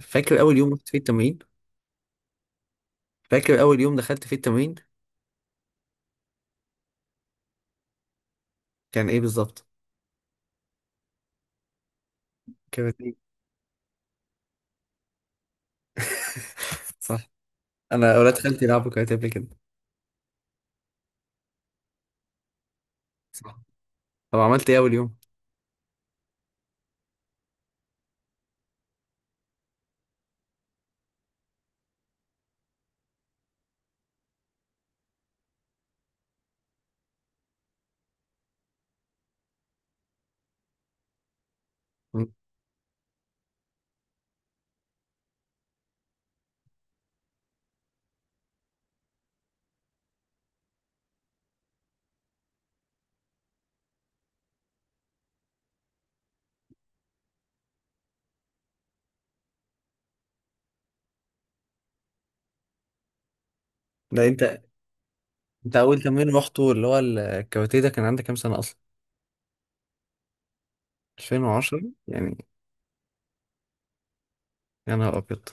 فاكر اول يوم رحت فيه التمرين؟ فاكر اول يوم دخلت فيه التمرين؟ كان ايه بالظبط؟ كانت ايه؟ صح. انا اولاد خالتي لعبوا كاراتيه قبل كده. صح. طب عملت ايه اول يوم؟ مم. ده انت اول تمرين رحته اللي هو الكاراتيه ده كان عندك كام سنه اصلا؟ 2010 يعني؟ يا نهار ابيض.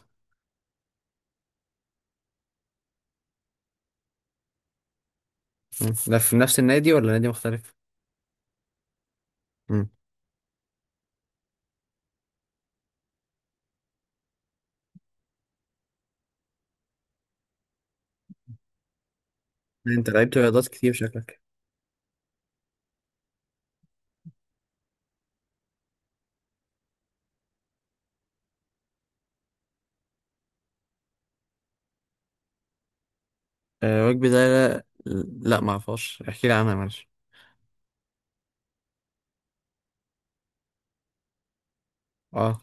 مم. ده في نفس النادي ولا نادي مختلف؟ مم. انت لعبت رياضات كتير شكلك. وجبي ده، لا، لا ما اعرفهاش، احكي لي عنها معلش. اه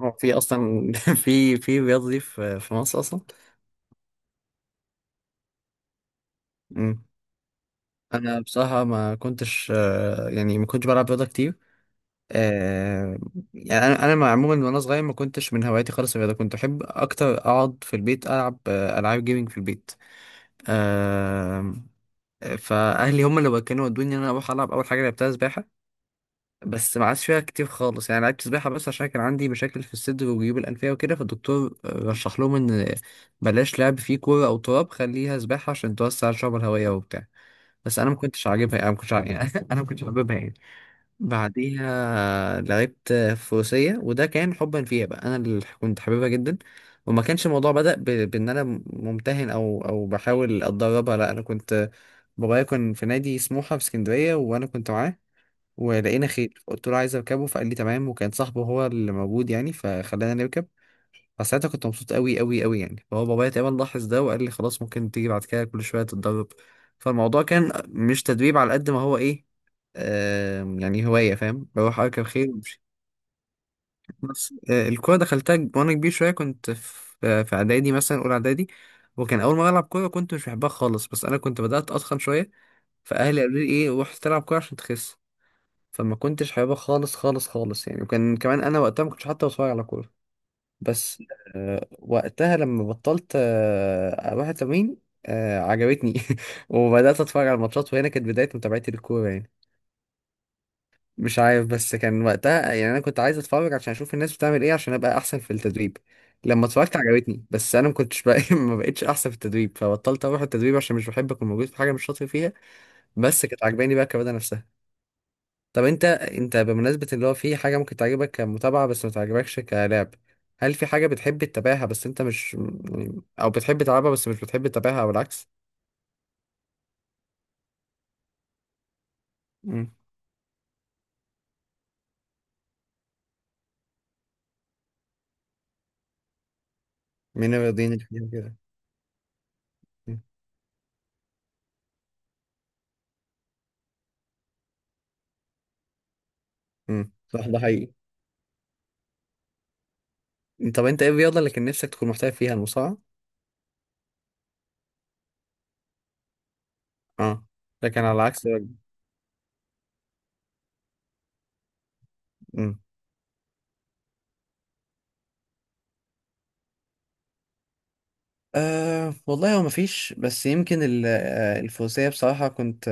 هو في اصلا في في رياضه دي في مصر اصلا؟ مم. انا بصراحه ما كنتش، يعني ما كنتش بلعب رياضه كتير. آه، يعني انا عموما وانا صغير ما كنتش من هواياتي خالص الرياضه، كنت احب اكتر اقعد في البيت، العب العاب جيمنج في البيت. آه، فاهلي هم اللي كانوا ودوني ان انا اروح العب. اول حاجه لعبتها سباحه، بس ما عادش فيها كتير خالص، يعني لعبت سباحه بس عشان كان عندي مشاكل في الصدر وجيوب الانفيه وكده، فالدكتور رشح لهم ان بلاش لعب فيه كوره او تراب، خليها سباحه عشان توسع الشعب الهوائيه وبتاع. بس انا ما كنتش عاجبها، يعني، انا ما كنتش. انا ما كنتش حاببها يعني. بعديها لعبت فروسية، وده كان حبا فيها بقى، انا اللي كنت حاببها جدا. وما كانش الموضوع بدأ بان انا ممتهن او بحاول اتدربها، لا انا كنت، بابايا كان في نادي سموحة في اسكندرية وانا كنت معاه، ولقينا خيل، قلت له عايز اركبه، فقال لي تمام، وكان صاحبه هو اللي موجود يعني، فخلانا نركب. فساعتها كنت مبسوط قوي قوي قوي يعني، فهو بابايا تقريبا لاحظ ده وقال لي خلاص ممكن تيجي بعد كده كل شويه تتدرب. فالموضوع كان مش تدريب على قد ما هو ايه، يعني هوايه، فاهم، بروح اركب خيل وامشي. بس، الكوره دخلتها وانا كبير شويه، كنت في اعدادي، مثلا اولى اعدادي، وكان اول مره العب كوره كنت مش بحبها خالص، بس انا كنت بدات اتخن شويه، فاهلي قالوا لي ايه، روح تلعب كوره عشان تخس، فما كنتش حاببها خالص خالص خالص يعني، وكان كمان انا وقتها ما كنتش حتى بتفرج على كوره. بس وقتها لما بطلت اروح التمرين، عجبتني. وبدات اتفرج على الماتشات، وهنا كانت بدايه متابعتي للكوره يعني. مش عارف، بس كان وقتها يعني انا كنت عايز اتفرج عشان اشوف الناس بتعمل ايه عشان ابقى احسن في التدريب. لما اتفرجت عجبتني، بس انا ما كنتش بقى ما بقتش احسن في التدريب، فبطلت اروح التدريب عشان مش بحب اكون موجود في حاجه مش شاطر فيها. بس كانت عجباني بقى الرياضه نفسها. طب انت بمناسبة اللي هو، في حاجة ممكن تعجبك كمتابعة بس ما تعجبكش كلعب، هل في حاجة بتحب تتابعها بس انت مش او بتحب تلعبها بس مش بتحب تتابعها، او العكس؟ مم. من الرياضيين اللي فيهم كده؟ مم. مم. صح، ده حقيقي. طب انت ايه الرياضة اللي كان نفسك تكون محترف فيها؟ المصارعة؟ اه. لكن على العكس. مم. أه والله هو مفيش، بس يمكن الفروسية بصراحة كنت،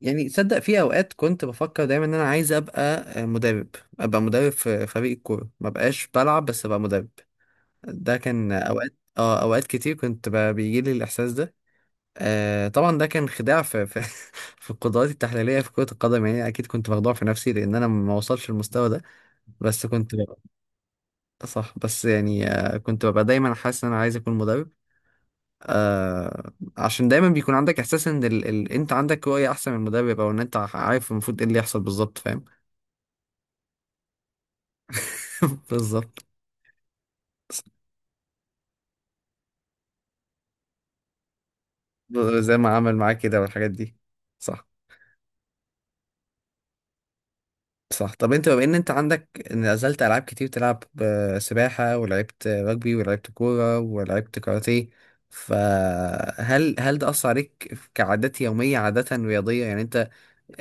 يعني تصدق في اوقات كنت بفكر دايما ان انا عايز ابقى مدرب. ابقى مدرب في فريق الكوره، ما بقاش بلعب بس ابقى مدرب. ده كان اوقات، اوقات كتير كنت بيجي لي الاحساس ده. آه طبعا ده كان خداع في في القدرات التحليليه في كره القدم يعني، اكيد كنت مخدوع في نفسي لان انا ما وصلش للمستوى ده، بس كنت ببقى. صح، بس يعني كنت ببقى دايما حاسس ان انا عايز اكون مدرب. عشان دايما بيكون عندك احساس ان انت عندك رؤية احسن من المدرب، او ان انت عارف المفروض ايه اللي يحصل بالظبط، فاهم. بالظبط، زي ما عمل معاك كده والحاجات دي. صح. صح. طب انت، بما ان انت عندك نزلت العاب كتير تلعب، سباحة، ولعبت رجبي، ولعبت كورة، ولعبت كاراتيه، فهل ده اثر عليك كعادات يومية، عادة رياضية يعني، انت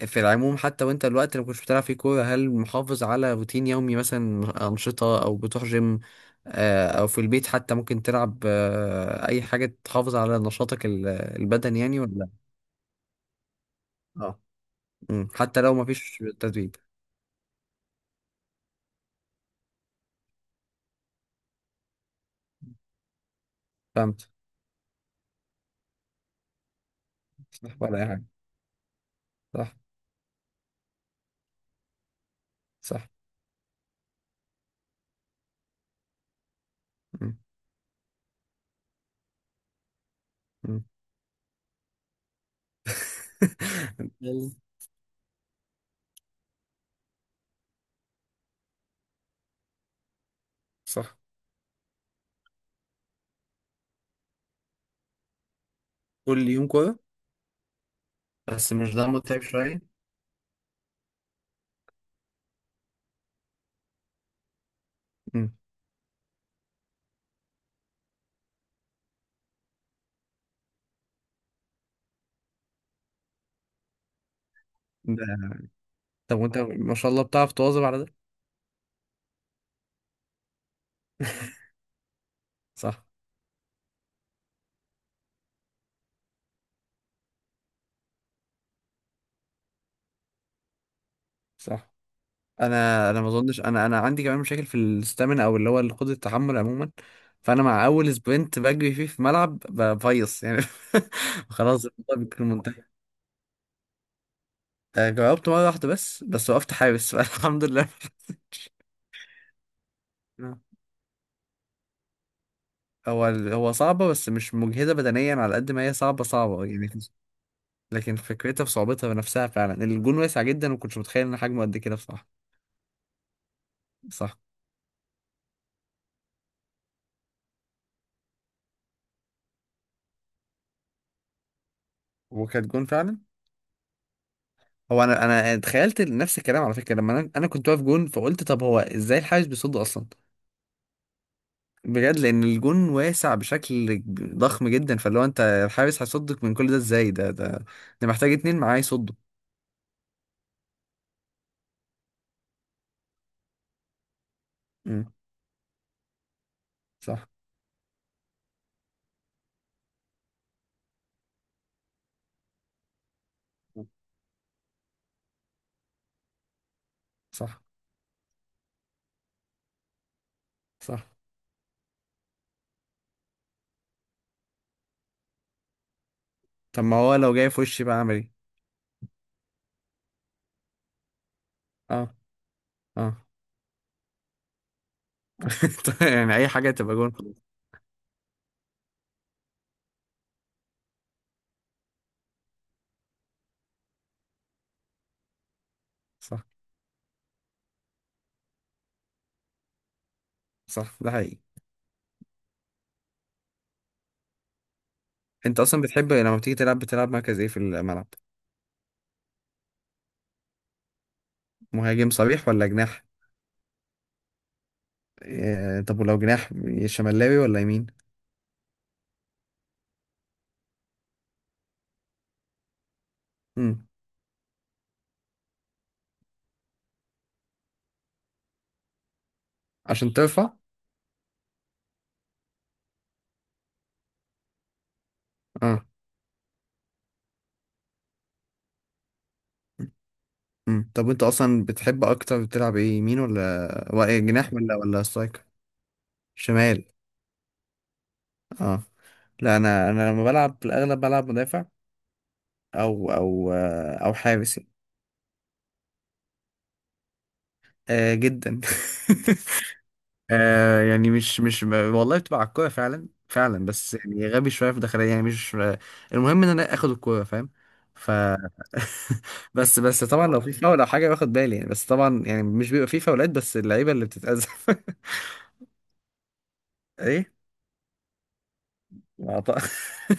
في العموم حتى، وانت الوقت اللي ما كنتش بتلعب فيه كورة، هل محافظ على روتين يومي مثلا، أنشطة، أو بتروح جيم، أو في البيت حتى ممكن تلعب أي حاجة تحافظ على نشاطك البدني يعني، ولا؟ اه. مم. حتى لو ما فيش تدريب؟ فهمت. صح، ولا أي حاجة. صح. صح. مم. مم. يلا. صح. كل يوم كورة؟ بس مش ده متعب شوية؟ مم. ده. طب وانت ما شاء الله بتعرف تواظب على ده؟ صح. صح. انا ما اظنش. انا عندي كمان مشاكل في الستامina، او اللي هو قدره التحمل عموما، فانا مع اول سبرنت بجري فيه في ملعب بفيص يعني، خلاص الموضوع بيكون منتهي. جربت مره واحده بس، وقفت حارس فالحمد لله. آه. هو صعبه، بس مش مجهده بدنيا على قد ما هي صعبه صعبه يعني. لكن فكرتها في صعوبتها بنفسها، فعلا الجون واسع جدا، وما كنتش متخيل ان حجمه قد كده بصراحه. صح. وكانت جون فعلا. هو انا تخيلت نفس الكلام على فكره، لما انا كنت واقف جون، فقلت طب هو ازاي الحارس بيصد اصلا، بجد، لان الجون واسع بشكل ضخم جدا، فاللي هو انت الحارس هيصدك من كل ده ازاي، ده ده محتاج اتنين معاه يصدوا. امم صح. صح. صح. طب ما هو لو جاي في وشي بقى اعمل ايه؟ اه. اه. طيب، يعني اي حاجه تبقى جون. صح. صح، ده حقيقي. انت اصلا بتحب لما بتيجي تلعب، بتلعب مركز ايه في الملعب؟ مهاجم صريح ولا جناح؟ إيه؟ طب ولو جناح، شمالاوي ولا يمين؟ مم. عشان ترفع. اه. مم. طب انت اصلا بتحب اكتر تلعب ايه، يمين ولا جناح ولا سترايكر؟ شمال. اه. لا انا لما بلعب في الاغلب بلعب مدافع او حارس يعني. آه جدا. آه يعني مش والله، بتبقى على الكوره فعلا فعلا، بس يعني غبي شويه في داخليه يعني، مش، المهم ان انا اخد الكوره فاهم. ف بس طبعا لو في فاول او حاجه باخد بالي يعني، بس طبعا يعني مش بيبقى في فاولات، بس اللعيبه اللي بتتأذى. ايه. ما ط-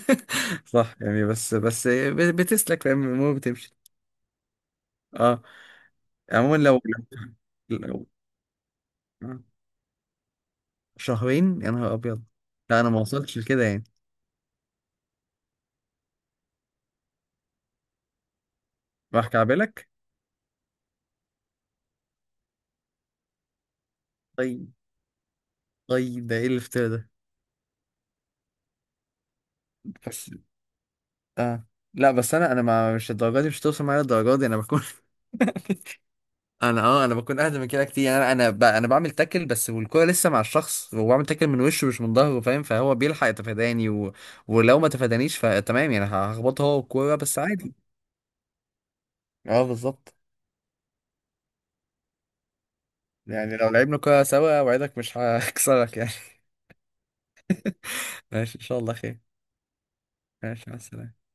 صح يعني. بس بتسلك، فاهم، المهم بتمشي. اه. عموما لو آه. شهرين يا نهار ابيض. لا انا ما وصلتش لكده يعني. راح كعبلك؟ طيب. طيب ده ايه الافتراء ده؟ بس. اه لا بس انا، انا ما مش الدرجات دي، مش هتوصل معايا الدرجات دي، انا بكون انا بكون اهدى من كده كتير يعني. انا بعمل تاكل بس، والكوره لسه مع الشخص، وبعمل تاكل من وشه مش من ظهره فاهم، فهو بيلحق يتفاداني. ولو ما تفادانيش فتمام يعني، هخبطه هو الكوره بس، عادي. اه بالظبط. يعني لو لعبنا كوره سوا اوعدك مش هكسرك يعني. ماشي ان شاء الله خير. ماشي، مع السلامه.